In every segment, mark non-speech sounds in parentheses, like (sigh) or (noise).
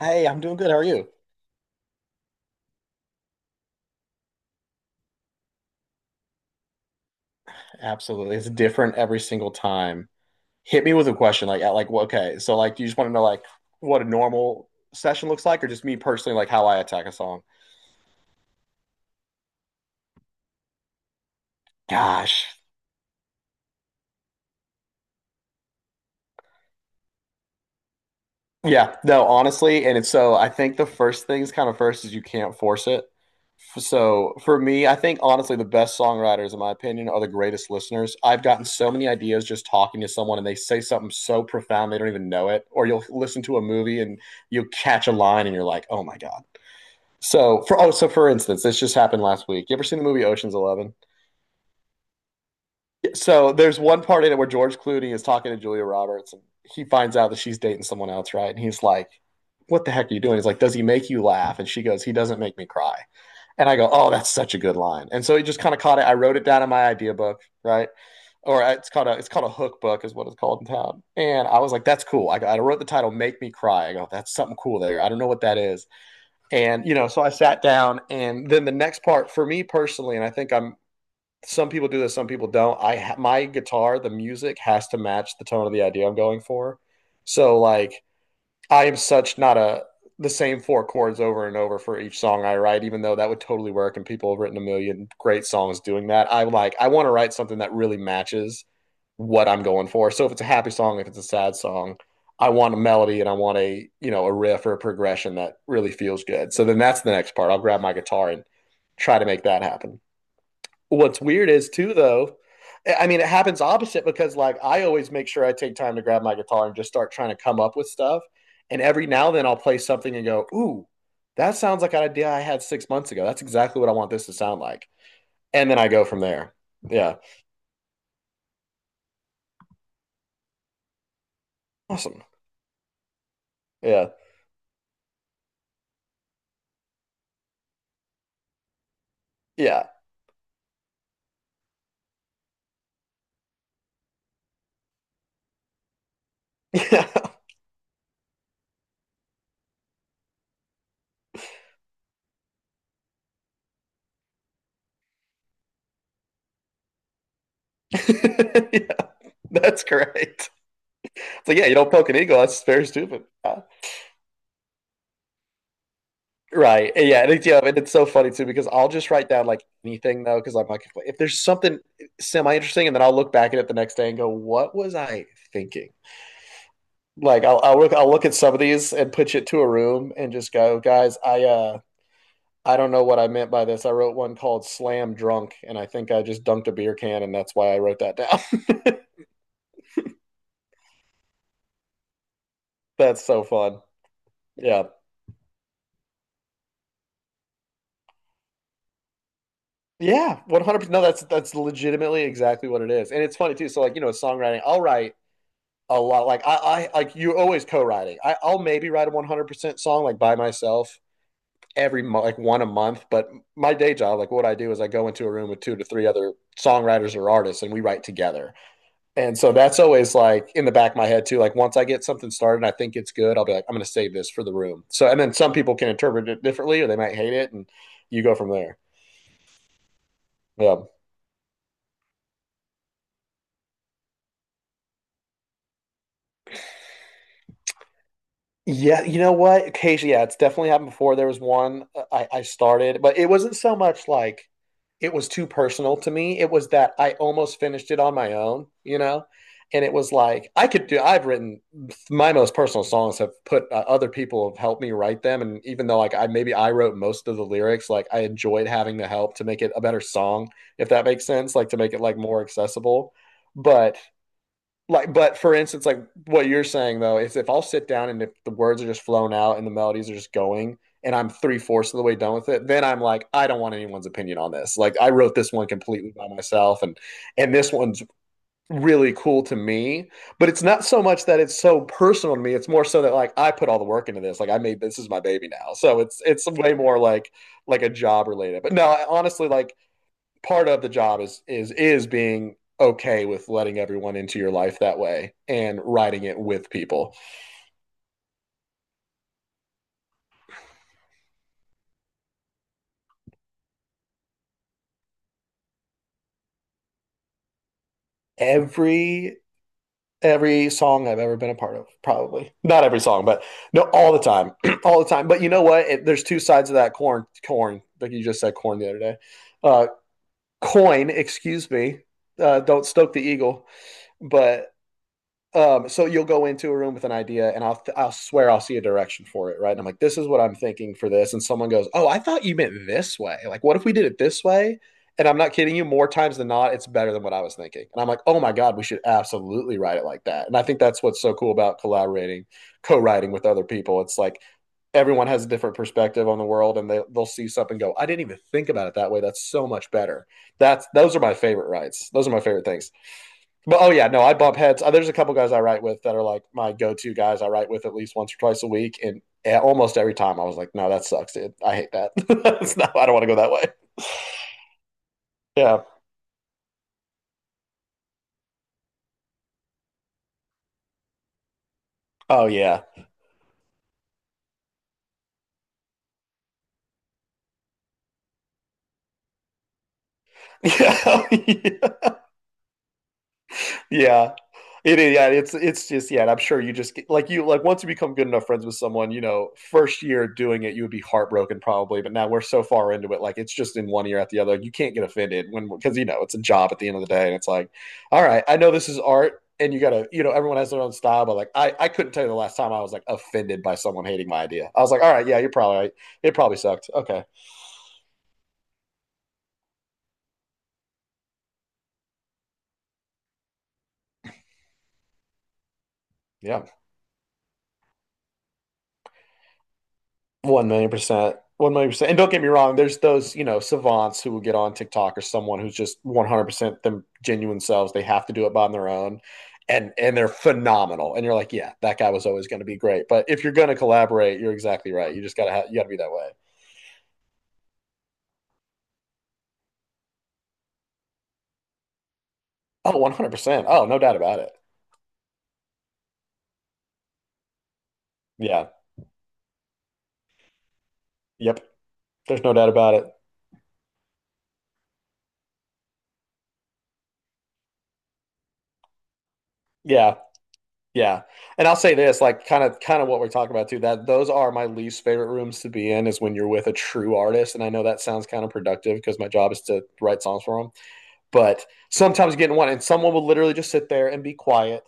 Hey, I'm doing good. How are you? Absolutely. It's different every single time. Hit me with a question like at okay, so like do you just want to know like what a normal session looks like, or just me personally like how I attack a song? Gosh. Yeah, no, honestly, and it's so I think the first things kind of first is you can't force it. So for me, I think honestly the best songwriters in my opinion are the greatest listeners. I've gotten so many ideas just talking to someone and they say something so profound they don't even know it, or you'll listen to a movie and you'll catch a line and you're like, "Oh my God." So for instance, this just happened last week. You ever seen the movie Ocean's Eleven? Yeah. So there's one part in it where George Clooney is talking to Julia Roberts, and he finds out that she's dating someone else, right? And he's like, "What the heck are you doing?" He's like, "Does he make you laugh?" And she goes, "He doesn't make me cry." And I go, "Oh, that's such a good line." And so he just kind of caught it. I wrote it down in my idea book, right? Or it's called a hook book, is what it's called in town. And I was like, "That's cool." I wrote the title "Make Me Cry." I go, "That's something cool there. I don't know what that is." So I sat down, and then the next part for me personally, and some people do this, some people don't. My guitar, the music has to match the tone of the idea I'm going for. So like, I am such not a, the same four chords over and over for each song I write, even though that would totally work and people have written a million great songs doing that. I want to write something that really matches what I'm going for. So if it's a happy song, if it's a sad song, I want a melody and I want a, you know, a riff or a progression that really feels good. So then that's the next part. I'll grab my guitar and try to make that happen. What's weird is too though, I mean, it happens opposite because like I always make sure I take time to grab my guitar and just start trying to come up with stuff. And every now and then I'll play something and go, ooh, that sounds like an idea I had 6 months ago. That's exactly what I want this to sound like. And then I go from there. Yeah. Awesome. Yeah. Yeah. Yeah. (laughs) yeah. That's great. So yeah, you don't poke an eagle, that's very stupid. Yeah. Right. Yeah. And it's so funny too because I'll just write down like anything though because I'm like, if there's something semi interesting, and then I'll look back at it the next day and go, what was I thinking? Like I'll look at some of these and push it to a room and just go, guys, I don't know what I meant by this. I wrote one called Slam Drunk and I think I just dunked a beer can and that's why I wrote that down. (laughs) That's so fun. Yeah. Yeah, 100%. No, that's legitimately exactly what it is. And it's funny too. So like, you know, songwriting, I'll write a lot. Like, you always co-writing. I'll maybe write a 100% song like by myself every like one a month. But my day job, like what I do is I go into a room with two to three other songwriters or artists and we write together. And so that's always like in the back of my head too. Like, once I get something started and I think it's good, I'll be like, I'm going to save this for the room. So, and then some people can interpret it differently or they might hate it and you go from there. Yeah. Yeah, you know what? Occasionally, yeah, it's definitely happened before. There was one. I started, but it wasn't so much like it was too personal to me. It was that I almost finished it on my own, you know? And it was like I could do, I've written, my most personal songs have put other people have helped me write them. And even though like, I maybe I wrote most of the lyrics, like I enjoyed having the help to make it a better song, if that makes sense, like to make it like more accessible. But like but for instance, like what you're saying though, is if I'll sit down and if the words are just flown out and the melodies are just going, and I'm three-fourths of the way done with it, then I'm like, I don't want anyone's opinion on this. Like, I wrote this one completely by myself, and this one's really cool to me. But it's not so much that it's so personal to me, it's more so that like I put all the work into this. Like I made, this is my baby now, so it's way more like a job related. But no, I honestly like, part of the job is being okay with letting everyone into your life that way and writing it with people. Every every song I've ever been a part of, probably not every song, but no, all the time, (clears throat) all the time. But you know what? There's two sides of that corn. Corn, like you just said, corn the other day. Uh, Coin, excuse me. Don't stoke the eagle, but so you'll go into a room with an idea, and I'll swear I'll see a direction for it, right? And I'm like, this is what I'm thinking for this, and someone goes, oh, I thought you meant this way. Like, what if we did it this way? And I'm not kidding you, more times than not, it's better than what I was thinking. And I'm like, oh my god, we should absolutely write it like that. And I think that's what's so cool about collaborating, co-writing with other people. It's like, everyone has a different perspective on the world, and they'll see something and go, I didn't even think about it that way. That's so much better. That's Those are my favorite writes. Those are my favorite things. But oh yeah, no, I bump heads. There's a couple guys I write with that are like my go-to guys. I write with at least once or twice a week, and eh, almost every time I was like, "No, that sucks, dude. I hate that. (laughs) It's not- I don't want to go that way." Yeah. Oh yeah. Yeah. (laughs) Yeah. It is, yeah, it's just yeah, and I'm sure you just get, like, once you become good enough friends with someone, you know, first year doing it, you would be heartbroken probably, but now we're so far into it, like it's just in one ear at the other. You can't get offended when, because you know it's a job at the end of the day, and it's like, all right, I know this is art, and you gotta, you know, everyone has their own style, but like, I couldn't tell you the last time I was like offended by someone hating my idea. I was like, all right, yeah, you're probably right. It probably sucked. Okay, yeah, 1,000,000%. 1,000,000%. And don't get me wrong, there's those, you know, savants who will get on TikTok or someone who's just 100% them genuine selves. They have to do it on their own. And they're phenomenal. And you're like, yeah, that guy was always going to be great. But if you're going to collaborate, you're exactly right. You just you got to be that way. Oh, 100%. Oh, no doubt about it. Yeah. Yep. There's no doubt about it. Yeah. Yeah. And I'll say this, like kind of what we're talking about too, that those are my least favorite rooms to be in, is when you're with a true artist. And I know that sounds counterproductive because my job is to write songs for them. But sometimes you get in one and someone will literally just sit there and be quiet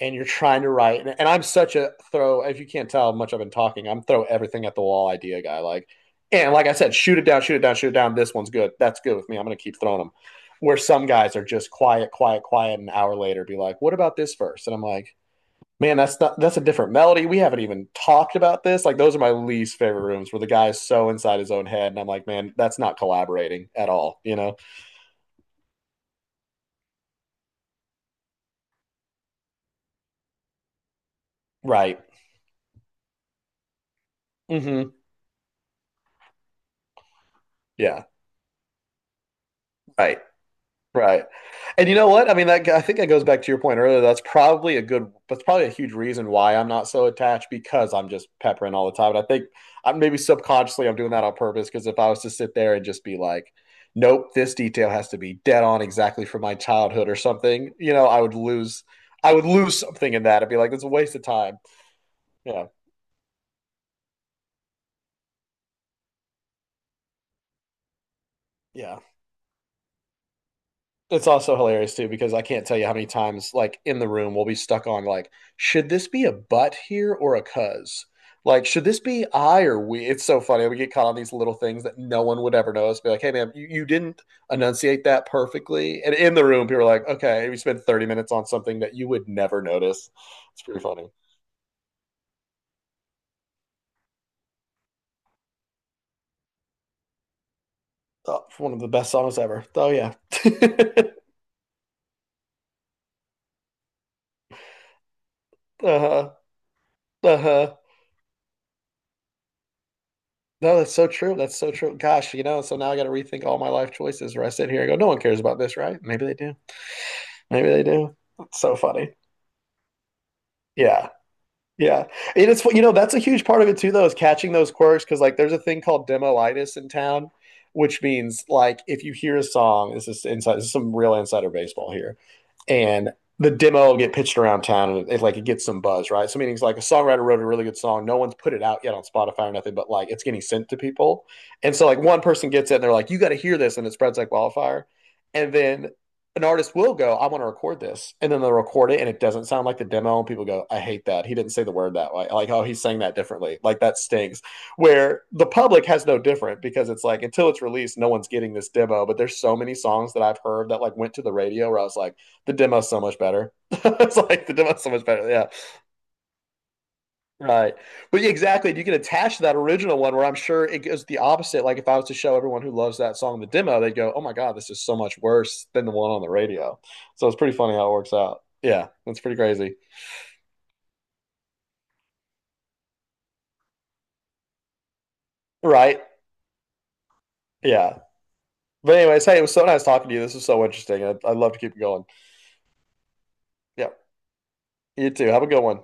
and you're trying to write. And I'm such a throw, if you can't tell how much I've been talking, I'm throw everything at the wall idea guy. Like, and like I said, shoot it down, shoot it down, shoot it down. This one's good. That's good with me. I'm gonna keep throwing them. Where some guys are just quiet, quiet, quiet, an hour later be like, what about this verse? And I'm like, man, that's not that's a different melody. We haven't even talked about this. Like those are my least favorite rooms where the guy is so inside his own head, and I'm like, man, that's not collaborating at all, you know? Right. Hmm. Yeah. Right. Right. And you know what I mean? That I think that goes back to your point earlier. That's probably a that's probably a huge reason why I'm not so attached, because I'm just peppering all the time. And I think I am, maybe subconsciously I'm doing that on purpose, because if I was to sit there and just be like, nope, this detail has to be dead on exactly from my childhood or something, you know, I would lose something in that. I'd be like, it's a waste of time. Yeah. Yeah. It's also hilarious too, because I can't tell you how many times, like in the room, we'll be stuck on like, should this be a but here or a cuz? Like, should this be I or we? It's so funny. We get caught on these little things that no one would ever notice. Be like, hey, man, you didn't enunciate that perfectly. And in the room, people are like, okay, we spent 30 minutes on something that you would never notice. It's pretty funny. Oh, one of the best songs ever. Oh, yeah. (laughs) uh huh. Uh huh. No, that's so true. That's so true. Gosh, you know, so now I got to rethink all my life choices, where I sit here and go, no one cares about this, right? Maybe they do. Maybe they do. It's so funny. Yeah. Yeah. And it's, you know, that's a huge part of it too, though, is catching those quirks. Cause like there's a thing called demolitis in town, which means like if you hear a song, this is some real insider baseball here. And the demo will get pitched around town and like it gets some buzz, right? So meaning it's like a songwriter wrote a really good song. No one's put it out yet on Spotify or nothing, but like it's getting sent to people. And so like one person gets it and they're like, you got to hear this. And it spreads like wildfire. And then an artist will go, I want to record this. And then they'll record it and it doesn't sound like the demo. And people go, I hate that. He didn't say the word that way. Like, oh, he's saying that differently. Like, that stings. Where the public has no different, because it's like, until it's released, no one's getting this demo. But there's so many songs that I've heard that like went to the radio where I was like, the demo's so much better. (laughs) It's like, the demo's so much better. Yeah. Right. But yeah, exactly. You can attach to that original one, where I'm sure it goes the opposite. Like if I was to show everyone who loves that song the demo, they'd go, oh my God, this is so much worse than the one on the radio. So it's pretty funny how it works out. Yeah, that's pretty crazy. Right. Yeah. But anyways, hey, it was so nice talking to you. This was so interesting. I'd love to keep it going. Yeah. You too. Have a good one.